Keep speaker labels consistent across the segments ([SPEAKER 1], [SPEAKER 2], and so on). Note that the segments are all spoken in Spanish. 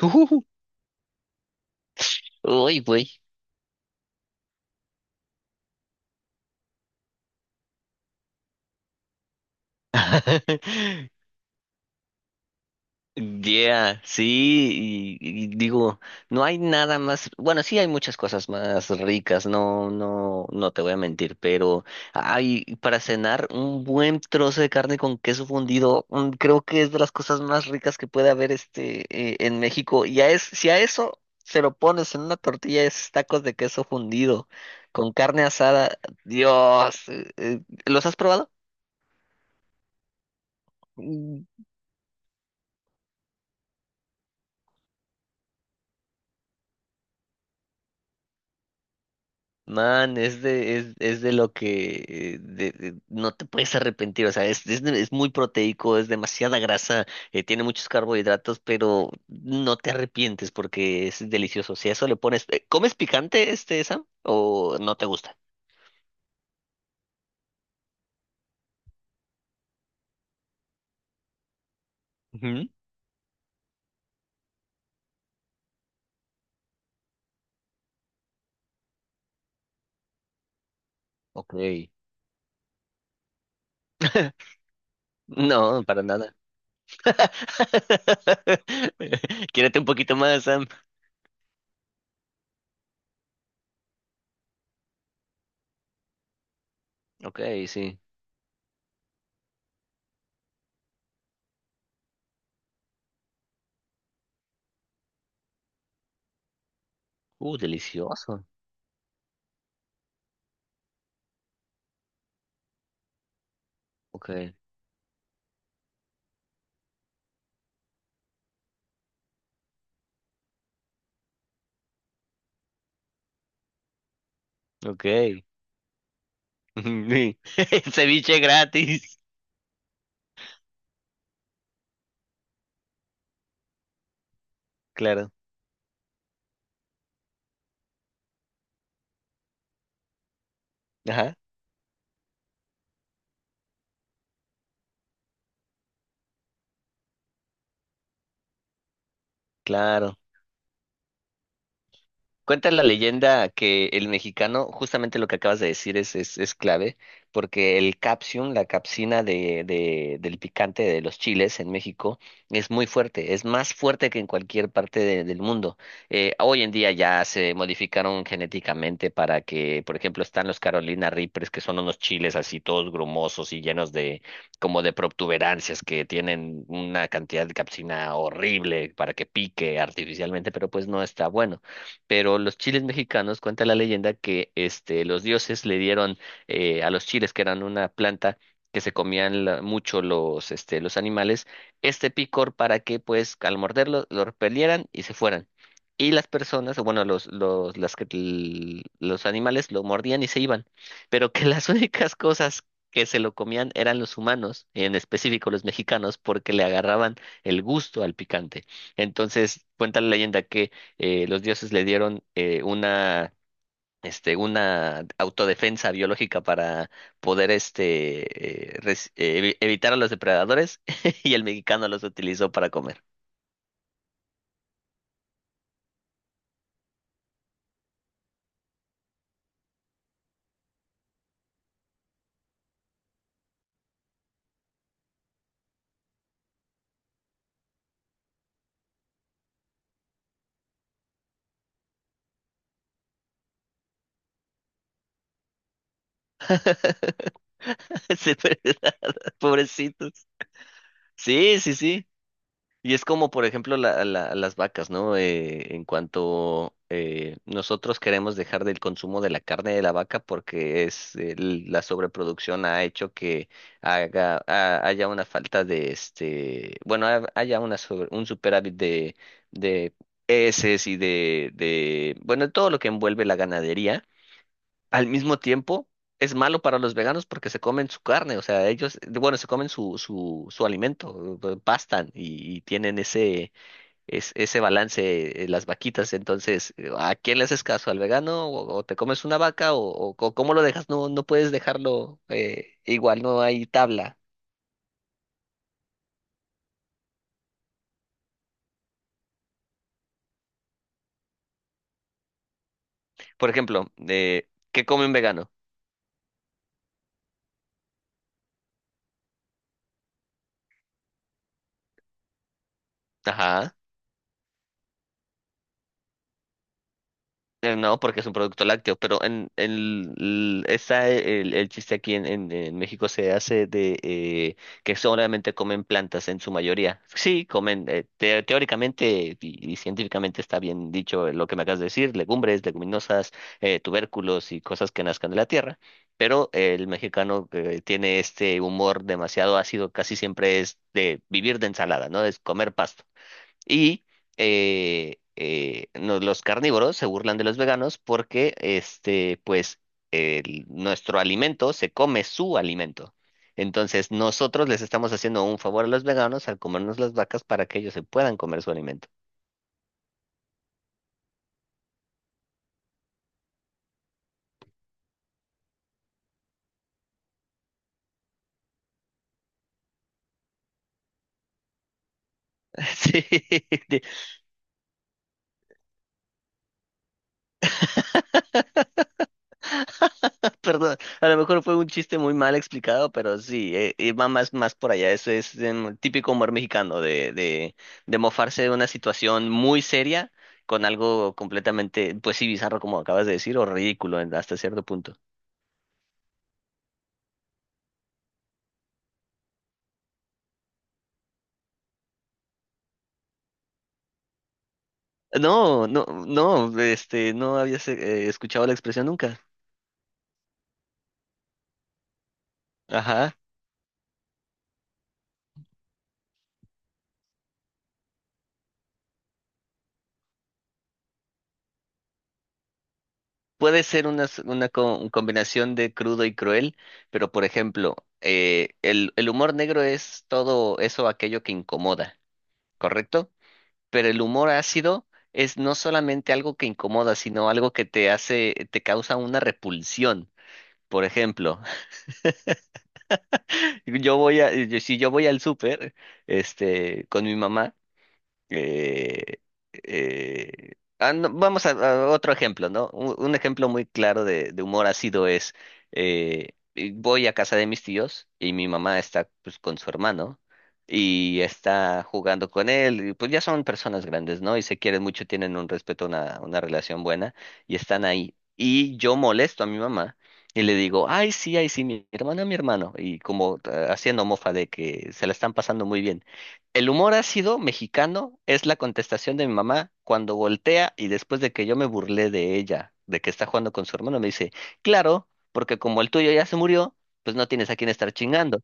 [SPEAKER 1] Uh, uy, güey. Yeah, sí, y digo, no hay nada más, bueno, sí hay muchas cosas más ricas, no, no, no te voy a mentir, pero hay para cenar un buen trozo de carne con queso fundido, mm, creo que es de las cosas más ricas que puede haber en México. Si a eso se lo pones en una tortilla, es tacos de queso fundido con carne asada, Dios, ¿los has probado? Man, es de lo que no te puedes arrepentir, o sea, es muy proteico, es demasiada grasa, tiene muchos carbohidratos, pero no te arrepientes porque es delicioso. Si a eso le pones, ¿comes picante este, Sam? ¿O no te gusta? Ujú. Ok. No, para nada. Quiérete un poquito más, Sam. Ok, sí. Delicioso. Ok, ok. Ceviche gratis. Claro. Ajá, claro. Cuenta la leyenda que el mexicano, justamente lo que acabas de decir es clave, porque el capsium, la capsina del picante de los chiles en México, es muy fuerte, es más fuerte que en cualquier parte del mundo. Hoy en día ya se modificaron genéticamente para que, por ejemplo, están los Carolina Reapers, que son unos chiles así todos grumosos y llenos de como de protuberancias que tienen una cantidad de capsina horrible para que pique artificialmente, pero pues no está bueno, pero los chiles mexicanos, cuenta la leyenda que este, los dioses le dieron a los chiles, que eran una planta que se comían mucho los animales, este picor para que pues al morderlo lo repelieran y se fueran. Y las personas, o bueno, las los animales lo mordían y se iban, pero que las únicas cosas que se lo comían eran los humanos, en específico los mexicanos, porque le agarraban el gusto al picante. Entonces, cuenta la leyenda que los dioses le dieron una autodefensa biológica para poder evitar a los depredadores y el mexicano los utilizó para comer. Sí, ¿verdad? Pobrecitos. Sí, sí, sí. Y es como, por ejemplo, las vacas, ¿no? En cuanto nosotros queremos dejar del consumo de la carne de la vaca porque es la sobreproducción ha hecho que haya una falta de este, bueno, haya una un superávit de heces y de bueno, todo lo que envuelve la ganadería al mismo tiempo es malo para los veganos porque se comen su carne, o sea, ellos, bueno, se comen su alimento, pastan y tienen ese, ese balance las vaquitas, entonces, ¿a quién le haces caso? ¿Al vegano o te comes una vaca o, cómo lo dejas? No, no puedes dejarlo igual, no hay tabla. Por ejemplo, ¿qué come un vegano? Ajá. No, porque es un producto lácteo, pero en l- esa, el chiste aquí en México se hace de que solamente comen plantas en su mayoría. Sí, comen, teóricamente y científicamente está bien dicho lo que me acabas de decir, legumbres, leguminosas, tubérculos y cosas que nazcan de la tierra, pero el mexicano tiene este humor demasiado ácido, casi siempre es de vivir de ensalada, ¿no? Es comer pasto. Y los carnívoros se burlan de los veganos porque, este, pues, nuestro alimento se come su alimento. Entonces, nosotros les estamos haciendo un favor a los veganos al comernos las vacas para que ellos se puedan comer su alimento. Sí, Perdón, a lo mejor fue un chiste muy mal explicado, pero sí, va más, más por allá. Eso es em, típico humor mexicano de mofarse de una situación muy seria con algo completamente, pues sí, bizarro como acabas de decir, o ridículo hasta cierto punto. No, no, no, este, no habías escuchado la expresión nunca. Ajá. Puede ser una, combinación de crudo y cruel, pero por ejemplo, el humor negro es todo eso, aquello que incomoda, ¿correcto? Pero el humor ácido es no solamente algo que incomoda, sino algo que te hace, te causa una repulsión. Por ejemplo, yo voy a, yo- si yo voy al súper, este, con mi mamá, eh, eh, no, vamos a otro ejemplo, ¿no? Un ejemplo muy claro de humor ácido es, y voy a casa de mis tíos y mi mamá está pues, con su hermano y está jugando con él, y, pues ya son personas grandes, ¿no? Y se quieren mucho, tienen un respeto, una relación buena y están ahí. Y yo molesto a mi mamá. Y le digo, ay, sí, mi hermana, mi hermano. Y como haciendo mofa de que se la están pasando muy bien. El humor ácido mexicano es la contestación de mi mamá cuando voltea y después de que yo me burlé de ella, de que está jugando con su hermano, me dice, claro, porque como el tuyo ya se murió, pues no tienes a quién estar chingando.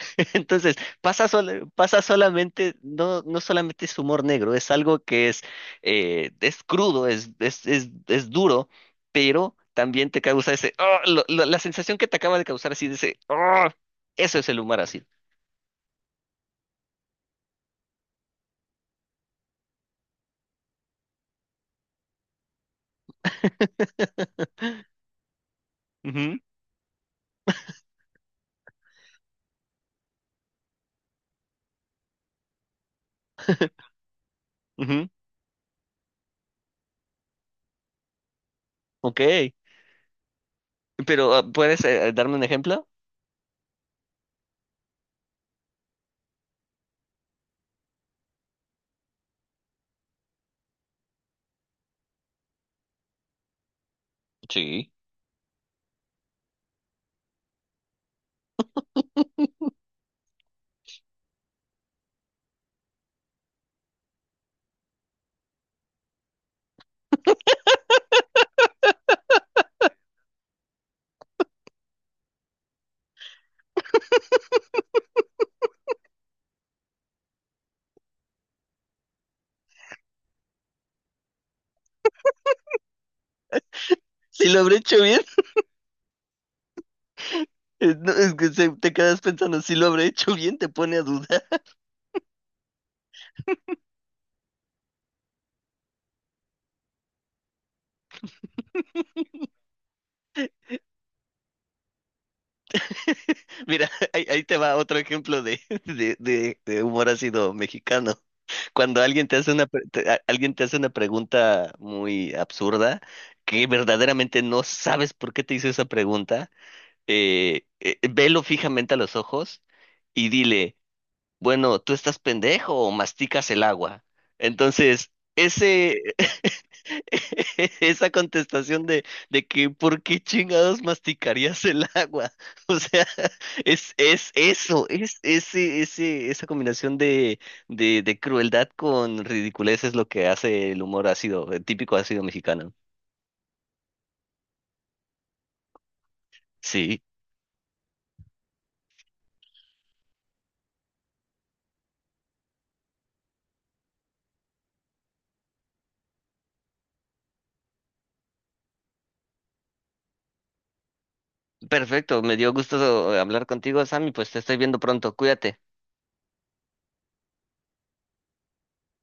[SPEAKER 1] Entonces, pasa solamente, no, no solamente es humor negro, es algo que es crudo, es duro, pero también te causa ese, "Ah", la sensación que te acaba de causar así de ese, "Ah", eso es el humor ácido. Ujú, ujú, Ok. Pero, ah, ¿puedes darme un ejemplo? Sí. Si lo habré hecho bien. No, es que te quedas pensando, si lo habré hecho bien, te pone a dudar. Mira, ahí, ahí te va otro ejemplo de, de humor ácido mexicano. Cuando alguien te hace una, alguien te hace una pregunta muy absurda, que verdaderamente no sabes por qué te hizo esa pregunta, velo fijamente a los ojos y dile, bueno, tú estás pendejo o masticas el agua. Entonces, ese, esa contestación de que ¿por qué chingados masticarías el agua? O sea, es eso, esa combinación de crueldad con ridiculez es lo que hace el humor ácido, el típico ácido mexicano. Sí, perfecto, me dio gusto hablar contigo, Sammy, pues te estoy viendo pronto, cuídate.